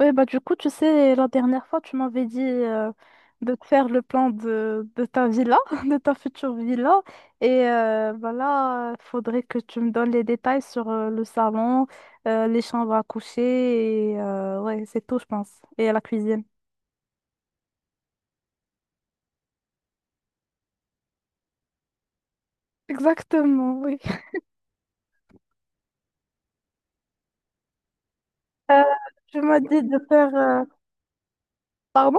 Oui, tu sais, la dernière fois, tu m'avais dit de te faire le plan de ta villa, de ta future villa. Et là, il faudrait que tu me donnes les détails sur le salon, les chambres à coucher, et ouais, c'est tout, je pense. Et la cuisine. Exactement, oui. Euh, Tu m'as dit de faire... Pardon?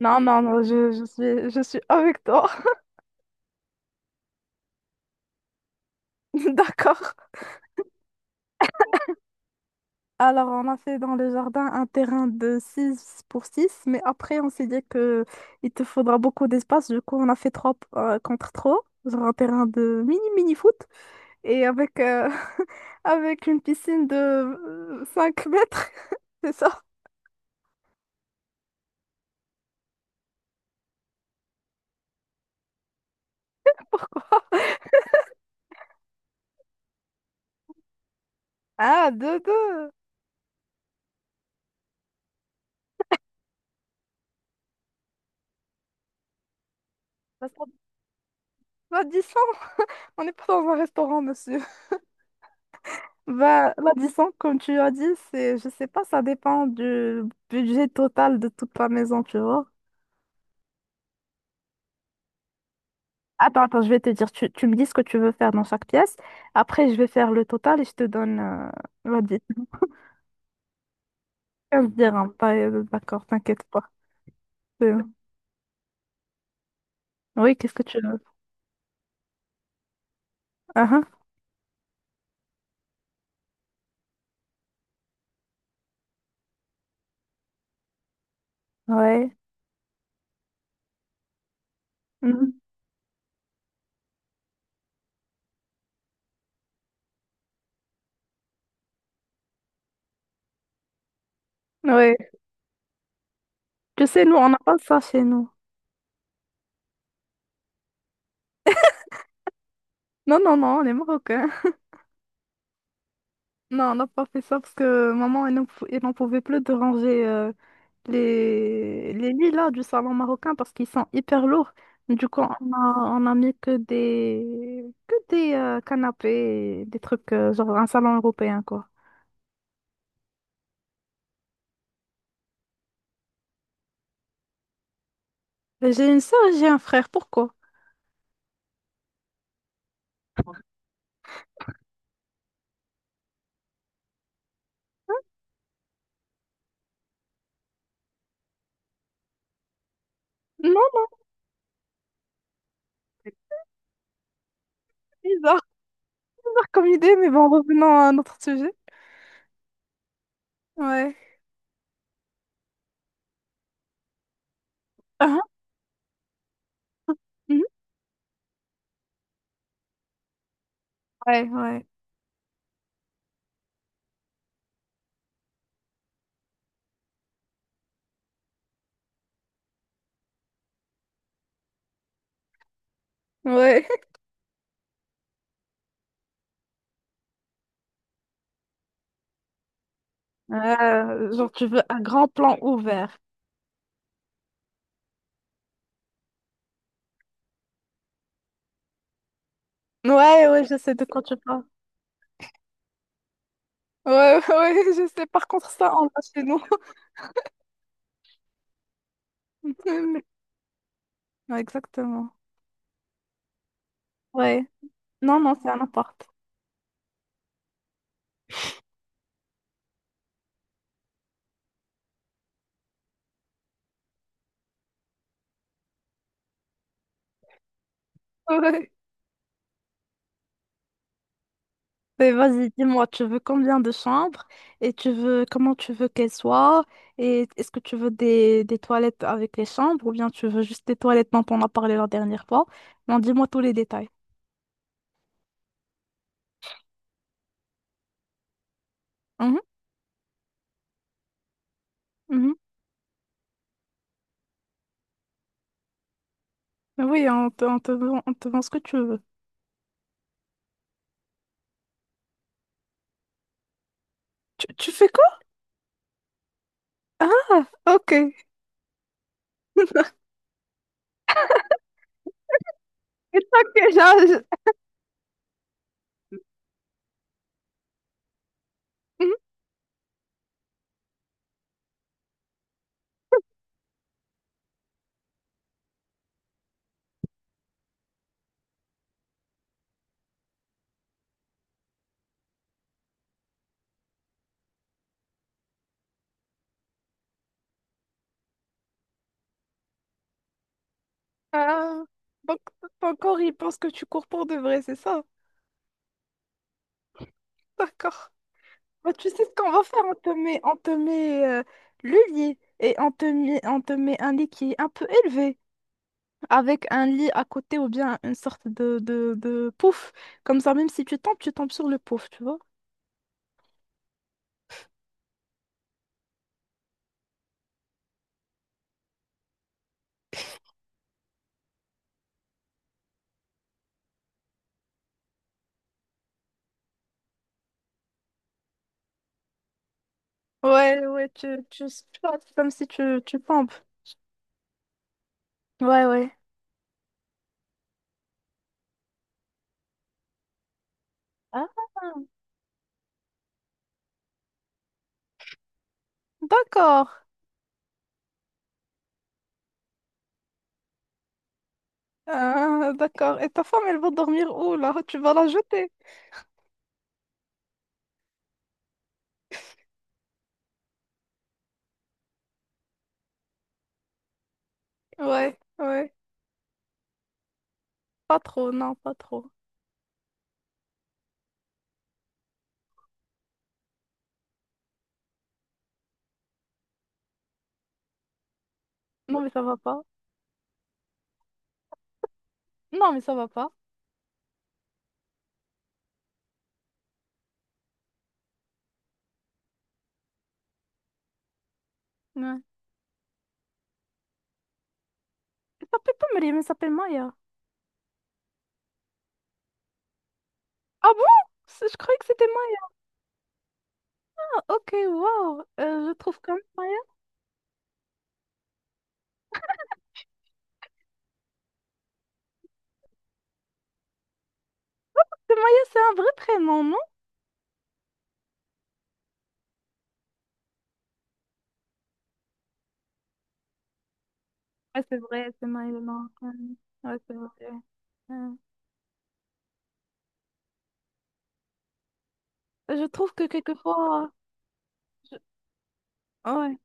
Non, je je suis avec toi. D'accord. Alors, on a fait dans le jardin un terrain de 6 pour 6, mais après, on s'est dit que il te faudra beaucoup d'espace. Du coup, on a fait trois contre trois, genre un terrain de mini-mini-foot, et avec avec une piscine de 5 mètres, c'est ça? Ah, deux deux. Bah, 10, on n'est pas dans un restaurant, monsieur. Bah, la 10 comme tu as dit, c'est, je sais pas, ça dépend du budget total de toute la maison, tu vois. Attends, attends, je vais te dire, tu me dis ce que tu veux faire dans chaque pièce. Après, je vais faire le total et je te donne, vas-y, 15 dirhams. D'accord, t'inquiète pas. C'est- Oui, qu'est-ce que tu veux? Ah, ah, ouais. Mhm. Ouais. Tu sais, nous, on n'a pas ça chez nous. Non, on est marocains. Non, on n'a pas fait ça parce que maman, elle n'en elle n'en pouvait plus de ranger les lits là du salon marocain parce qu'ils sont hyper lourds. Du coup, on a mis que que des canapés, des trucs genre un salon européen quoi. J'ai une sœur et j'ai un frère, pourquoi? Non, c'est bizarre comme idée, mais bon, revenons à notre sujet. Ouais. Ah, mhm. Ouais, ouais. Ouais. Genre, tu veux un grand plan ouvert. Ouais, ouais, je sais de quoi tu parles. Ouais, ouais, je sais. Par contre, ça, on l'a chez nous. Ouais, exactement. Ouais. Non, non, c'est un appart. Ouais. Mais vas-y, dis-moi, tu veux combien de chambres et tu veux comment tu veux qu'elles soient et est-ce que tu veux des toilettes avec les chambres ou bien tu veux juste des toilettes dont on a parlé la dernière fois? Non, dis-moi tous les détails. Mhm, mhm. Mais oui, on te vend ce que tu veux. Tu fais quoi? Ah, ok. Et toi, que genre, mhm. je- euh, donc ton corps, il pense que tu cours pour de vrai, c'est ça? D'accord. Bah, tu sais ce qu'on va faire? On te met le lit et on te met un lit qui est un peu élevé avec un lit à côté ou bien une sorte de pouf. Comme ça, même si tu tombes, tu tombes sur le pouf, tu vois? Ouais, ouais, tu squattes comme si tu tombes. Ouais, ouais. Ah, d'accord. Ah, d'accord. Et ta femme, elle va dormir où là? Tu vas la jeter. Ouais, ouais. Pas trop, non, pas trop. Non, mais ça va pas. Non, mais ça va pas. Ouais. Elle s'appelle pas Maria, mais s'appelle Maya. Ah bon? C'est- je croyais que c'était Maya. Ok, wow. Je trouve quand même Maya. C'est Maya, c'est un vrai prénom, non? Ouais, c'est vrai, c'est Maya le Marocain. Ouais, c'est vrai. Ouais. Je trouve que quelquefois. Ouais.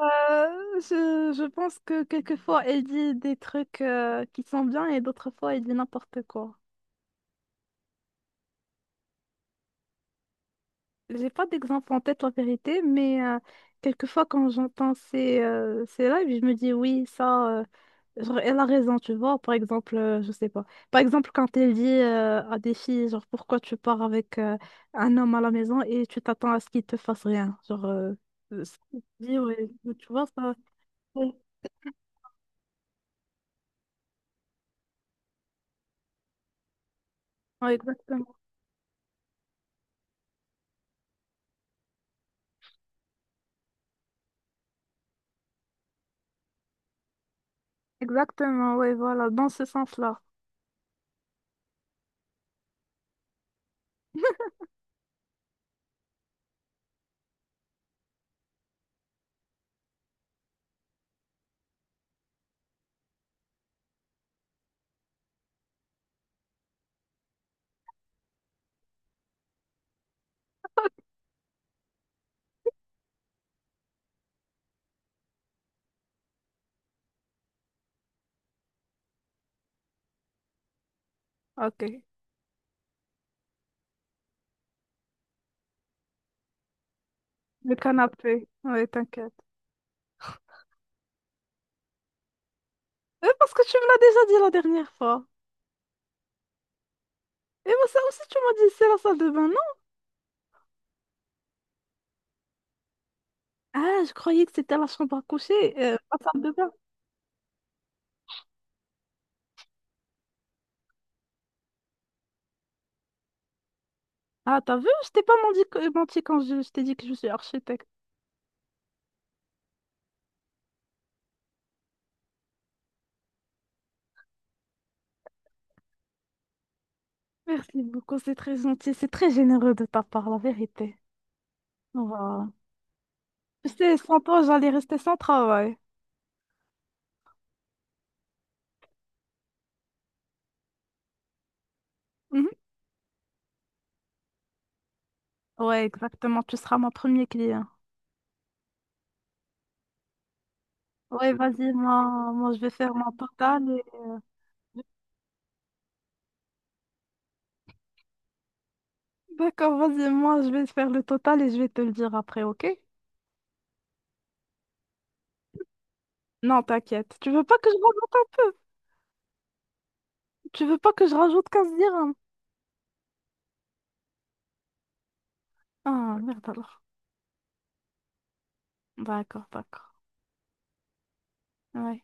Je pense que quelquefois elle dit des trucs qui sont bien et d'autres fois elle dit n'importe quoi. J'ai pas d'exemple en tête en vérité, mais quelquefois quand j'entends ces lives, je me dis oui, ça. Euh, genre, elle a raison, tu vois. Par exemple, je sais pas. Par exemple, quand elle dit à des filles, genre, pourquoi tu pars avec un homme à la maison et tu t'attends à ce qu'il te fasse rien. Genre, ce qu'elle dit, ouais, tu vois, ça. Ouais, ouais, exactement. Exactement, ouais, voilà, dans ce sens-là. Ok. Le canapé. Ouais, t'inquiète. Parce que tu me l'as déjà dit la dernière fois. Et moi, ça aussi, tu m'as dit, c'est la salle de bain, non? Ah, je croyais que c'était la chambre à coucher, la salle de bain. Ah, t'as vu, je t'ai pas menti, menti quand je t'ai dit que je suis architecte. Merci beaucoup, c'est très gentil, c'est très généreux de ta part, la vérité. Voilà. Tu sais, sans toi, j'allais rester sans travail. Mhm. Ouais, exactement, tu seras mon premier client. Ouais, vas-y, moi, je vais faire mon total. Et- D'accord, vas-y, moi, je vais faire le total et je vais te le dire après, ok? Non, t'inquiète. Tu veux pas que je rajoute un peu? Tu veux pas que je rajoute 15 dirhams? Ah, merde alors. D'accord, d'accord. Ouais.